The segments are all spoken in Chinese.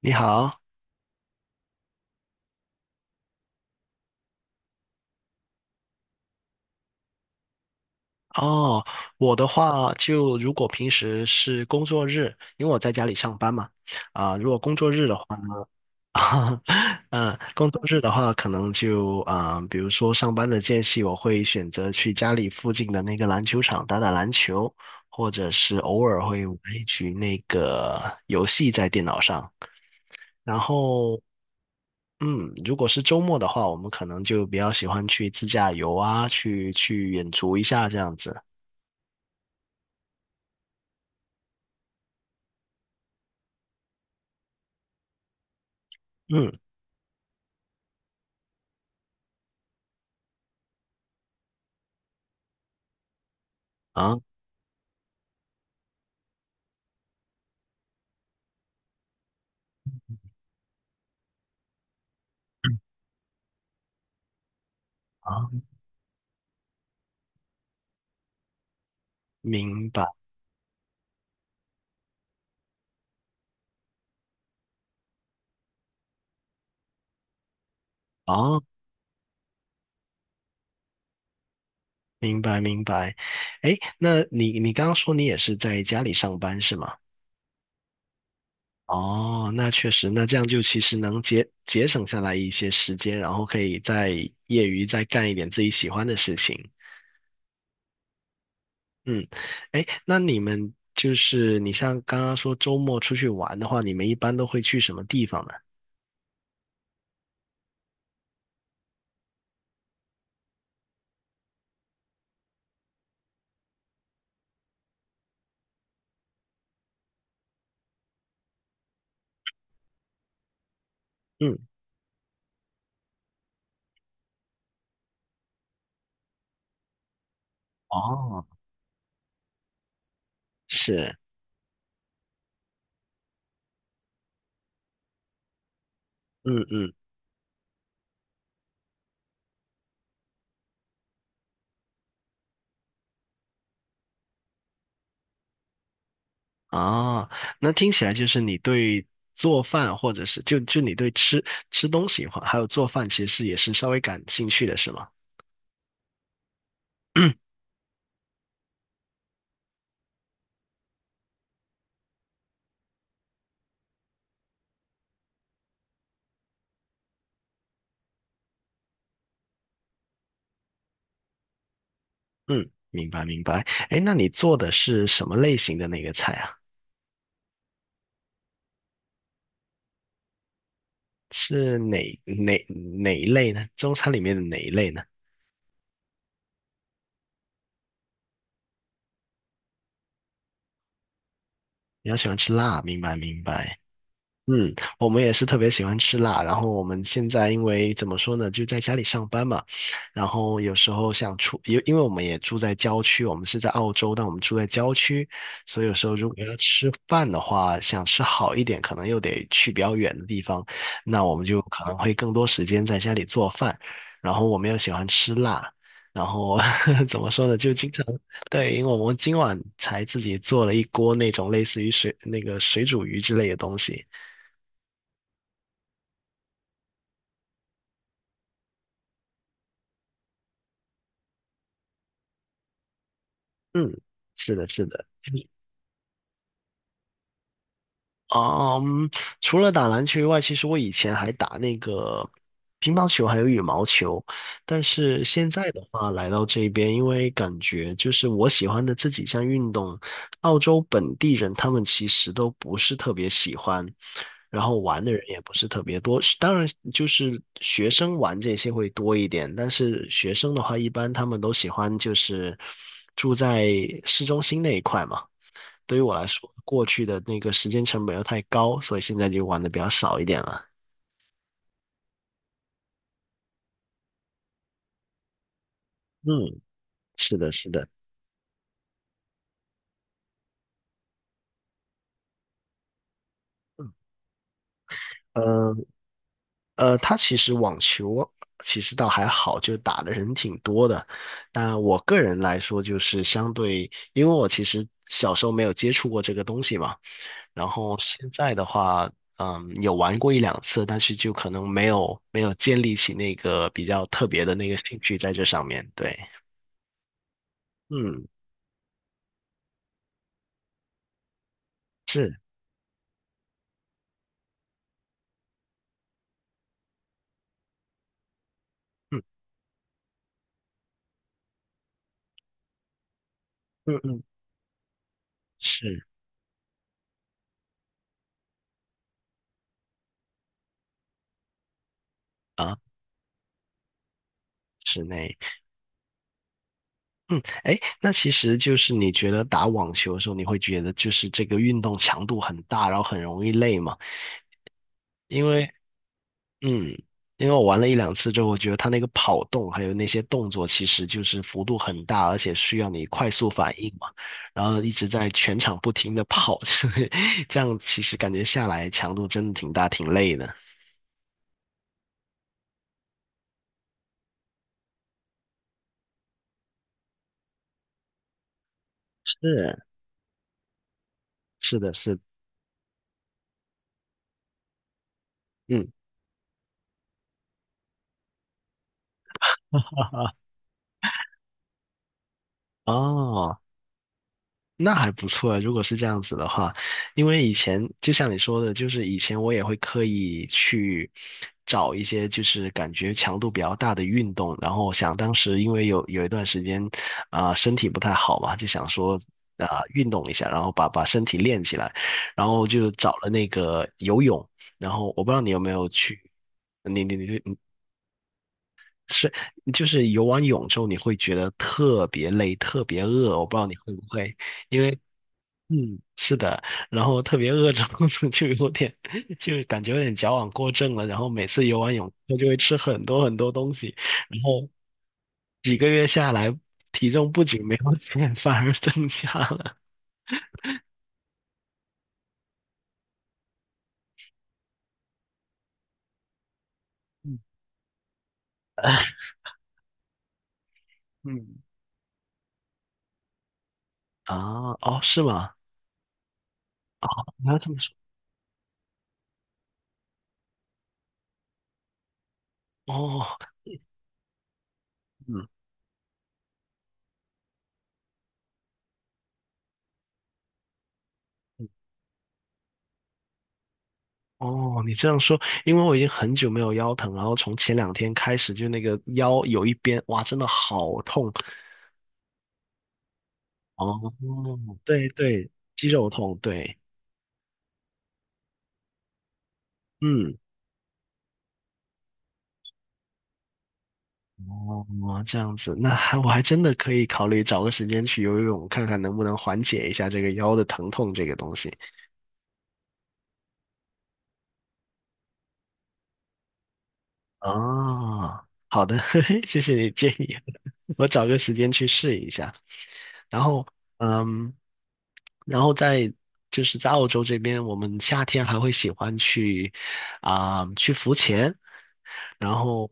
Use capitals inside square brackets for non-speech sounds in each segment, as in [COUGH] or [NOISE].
你好。哦，我的话就如果平时是工作日，因为我在家里上班嘛，如果工作日的话，[LAUGHS] 嗯、工作日的话，可能就比如说上班的间隙，我会选择去家里附近的那个篮球场打打篮球，或者是偶尔会玩一局那个游戏在电脑上。然后，如果是周末的话，我们可能就比较喜欢去自驾游啊，去远足一下这样子。嗯。啊。啊，明白。哦，明白明白。哎，那你刚刚说你也是在家里上班是吗？哦，那确实，那这样就其实能节省下来一些时间，然后可以在业余再干一点自己喜欢的事情。嗯，哎，那你们就是你像刚刚说周末出去玩的话，你们一般都会去什么地方呢？嗯。哦。是。嗯嗯。啊，那听起来就是你对做饭，或者是就你对吃吃东西哈，还有做饭，其实也是稍微感兴趣的，是吗？[CLEARS THROAT] 嗯。嗯，明白明白。哎，那你做的是什么类型的那个菜啊？是哪哪一类呢？中餐里面的哪一类呢？比较喜欢吃辣，明白明白。嗯，我们也是特别喜欢吃辣，然后我们现在因为怎么说呢，就在家里上班嘛，然后有时候想出，因为我们也住在郊区，我们是在澳洲，但我们住在郊区，所以有时候如果要吃饭的话，想吃好一点，可能又得去比较远的地方，那我们就可能会更多时间在家里做饭，然后我们又喜欢吃辣，然后 [LAUGHS] 怎么说呢，就经常对，因为我们今晚才自己做了一锅那种类似于水那个水煮鱼之类的东西。嗯，是的，是的。嗯，除了打篮球以外，其实我以前还打那个乒乓球还有羽毛球，但是现在的话来到这边，因为感觉就是我喜欢的这几项运动，澳洲本地人他们其实都不是特别喜欢，然后玩的人也不是特别多。当然，就是学生玩这些会多一点，但是学生的话，一般他们都喜欢就是住在市中心那一块嘛。对于我来说，过去的那个时间成本又太高，所以现在就玩的比较少一点了。嗯，是的，是的。呃他其实网球其实倒还好，就打的人挺多的。但我个人来说，就是相对，因为我其实小时候没有接触过这个东西嘛，然后现在的话，有玩过一两次，但是就可能没有建立起那个比较特别的那个兴趣在这上面。对。嗯，是。嗯嗯嗯，是。啊，室内。嗯，哎，那其实就是你觉得打网球的时候，你会觉得就是这个运动强度很大，然后很容易累嘛？因为，嗯，因为我玩了一两次之后，我觉得它那个跑动还有那些动作，其实就是幅度很大，而且需要你快速反应嘛，然后一直在全场不停的跑，[LAUGHS] 所以这样其实感觉下来强度真的挺大，挺累的。是，是的，是的。嗯。[LAUGHS] 哦。那还不错啊，如果是这样子的话，因为以前就像你说的，就是以前我也会刻意去找一些就是感觉强度比较大的运动，然后想当时因为有一段时间身体不太好嘛，就想说啊、运动一下，然后把身体练起来，然后就找了那个游泳，然后我不知道你有没有去，你是就是游完泳之后你会觉得特别累，特别饿，我不知道你会不会。因为嗯，是的，然后特别饿着 [LAUGHS] 就有点，就感觉有点矫枉过正了。然后每次游完泳，他就会吃很多很多东西，然后几个月下来，体重不仅没有减，[LAUGHS] 反而增加了。嗯。嗯。啊，哦，是吗？你要这么说。哦。嗯。嗯。哦，你这样说，因为我已经很久没有腰疼，然后从前两天开始，就那个腰有一边，哇，真的好痛。哦，对对，肌肉痛，对。嗯。哦，这样子，那还我还真的可以考虑找个时间去游游泳，看看能不能缓解一下这个腰的疼痛这个东西。哦，好的，[LAUGHS] 嘿嘿谢谢你建议，[LAUGHS] 我找个时间去试一下。然后，嗯，然后在就是在澳洲这边，我们夏天还会喜欢去去浮潜，然后，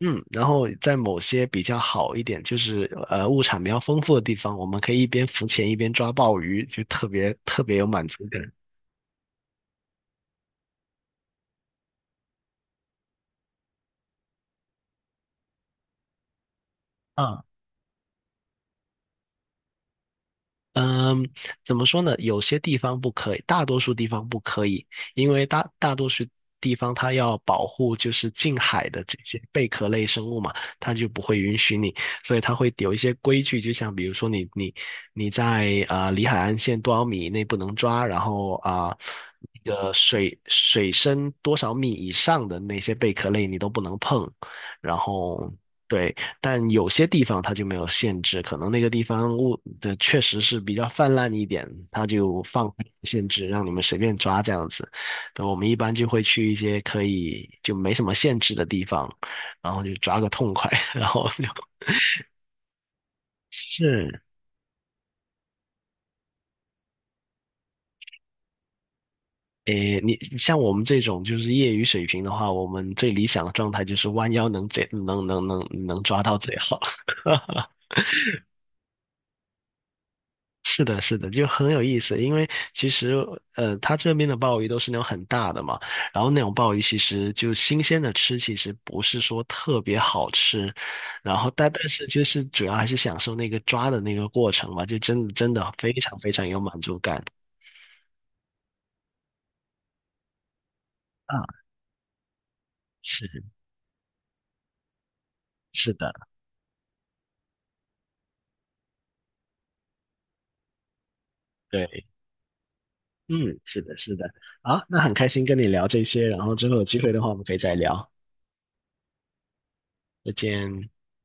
然后在某些比较好一点，就是物产比较丰富的地方，我们可以一边浮潜一边抓鲍鱼，就特别特别有满足感。嗯。嗯，怎么说呢？有些地方不可以，大多数地方不可以，因为大多数地方它要保护就是近海的这些贝壳类生物嘛，它就不会允许你，所以它会有一些规矩，就像比如说你在离海岸线多少米以内不能抓，然后那个水深多少米以上的那些贝壳类你都不能碰，然后。对，但有些地方它就没有限制，可能那个地方物的确实是比较泛滥一点，它就放限制，让你们随便抓这样子。那我们一般就会去一些可以就没什么限制的地方，然后就抓个痛快，[LAUGHS] 然后就 [LAUGHS] 是。诶，你像我们这种就是业余水平的话，我们最理想的状态就是弯腰最能抓到最好。[LAUGHS] 是的，是的，就很有意思。因为其实，它这边的鲍鱼都是那种很大的嘛，然后那种鲍鱼其实就新鲜的吃，其实不是说特别好吃。然后但是就是主要还是享受那个抓的那个过程嘛，就真的真的非常非常有满足感。啊，是是的，对，嗯，是的，是的。好，那很开心跟你聊这些，然后之后有机会的话，我们可以再聊。再见。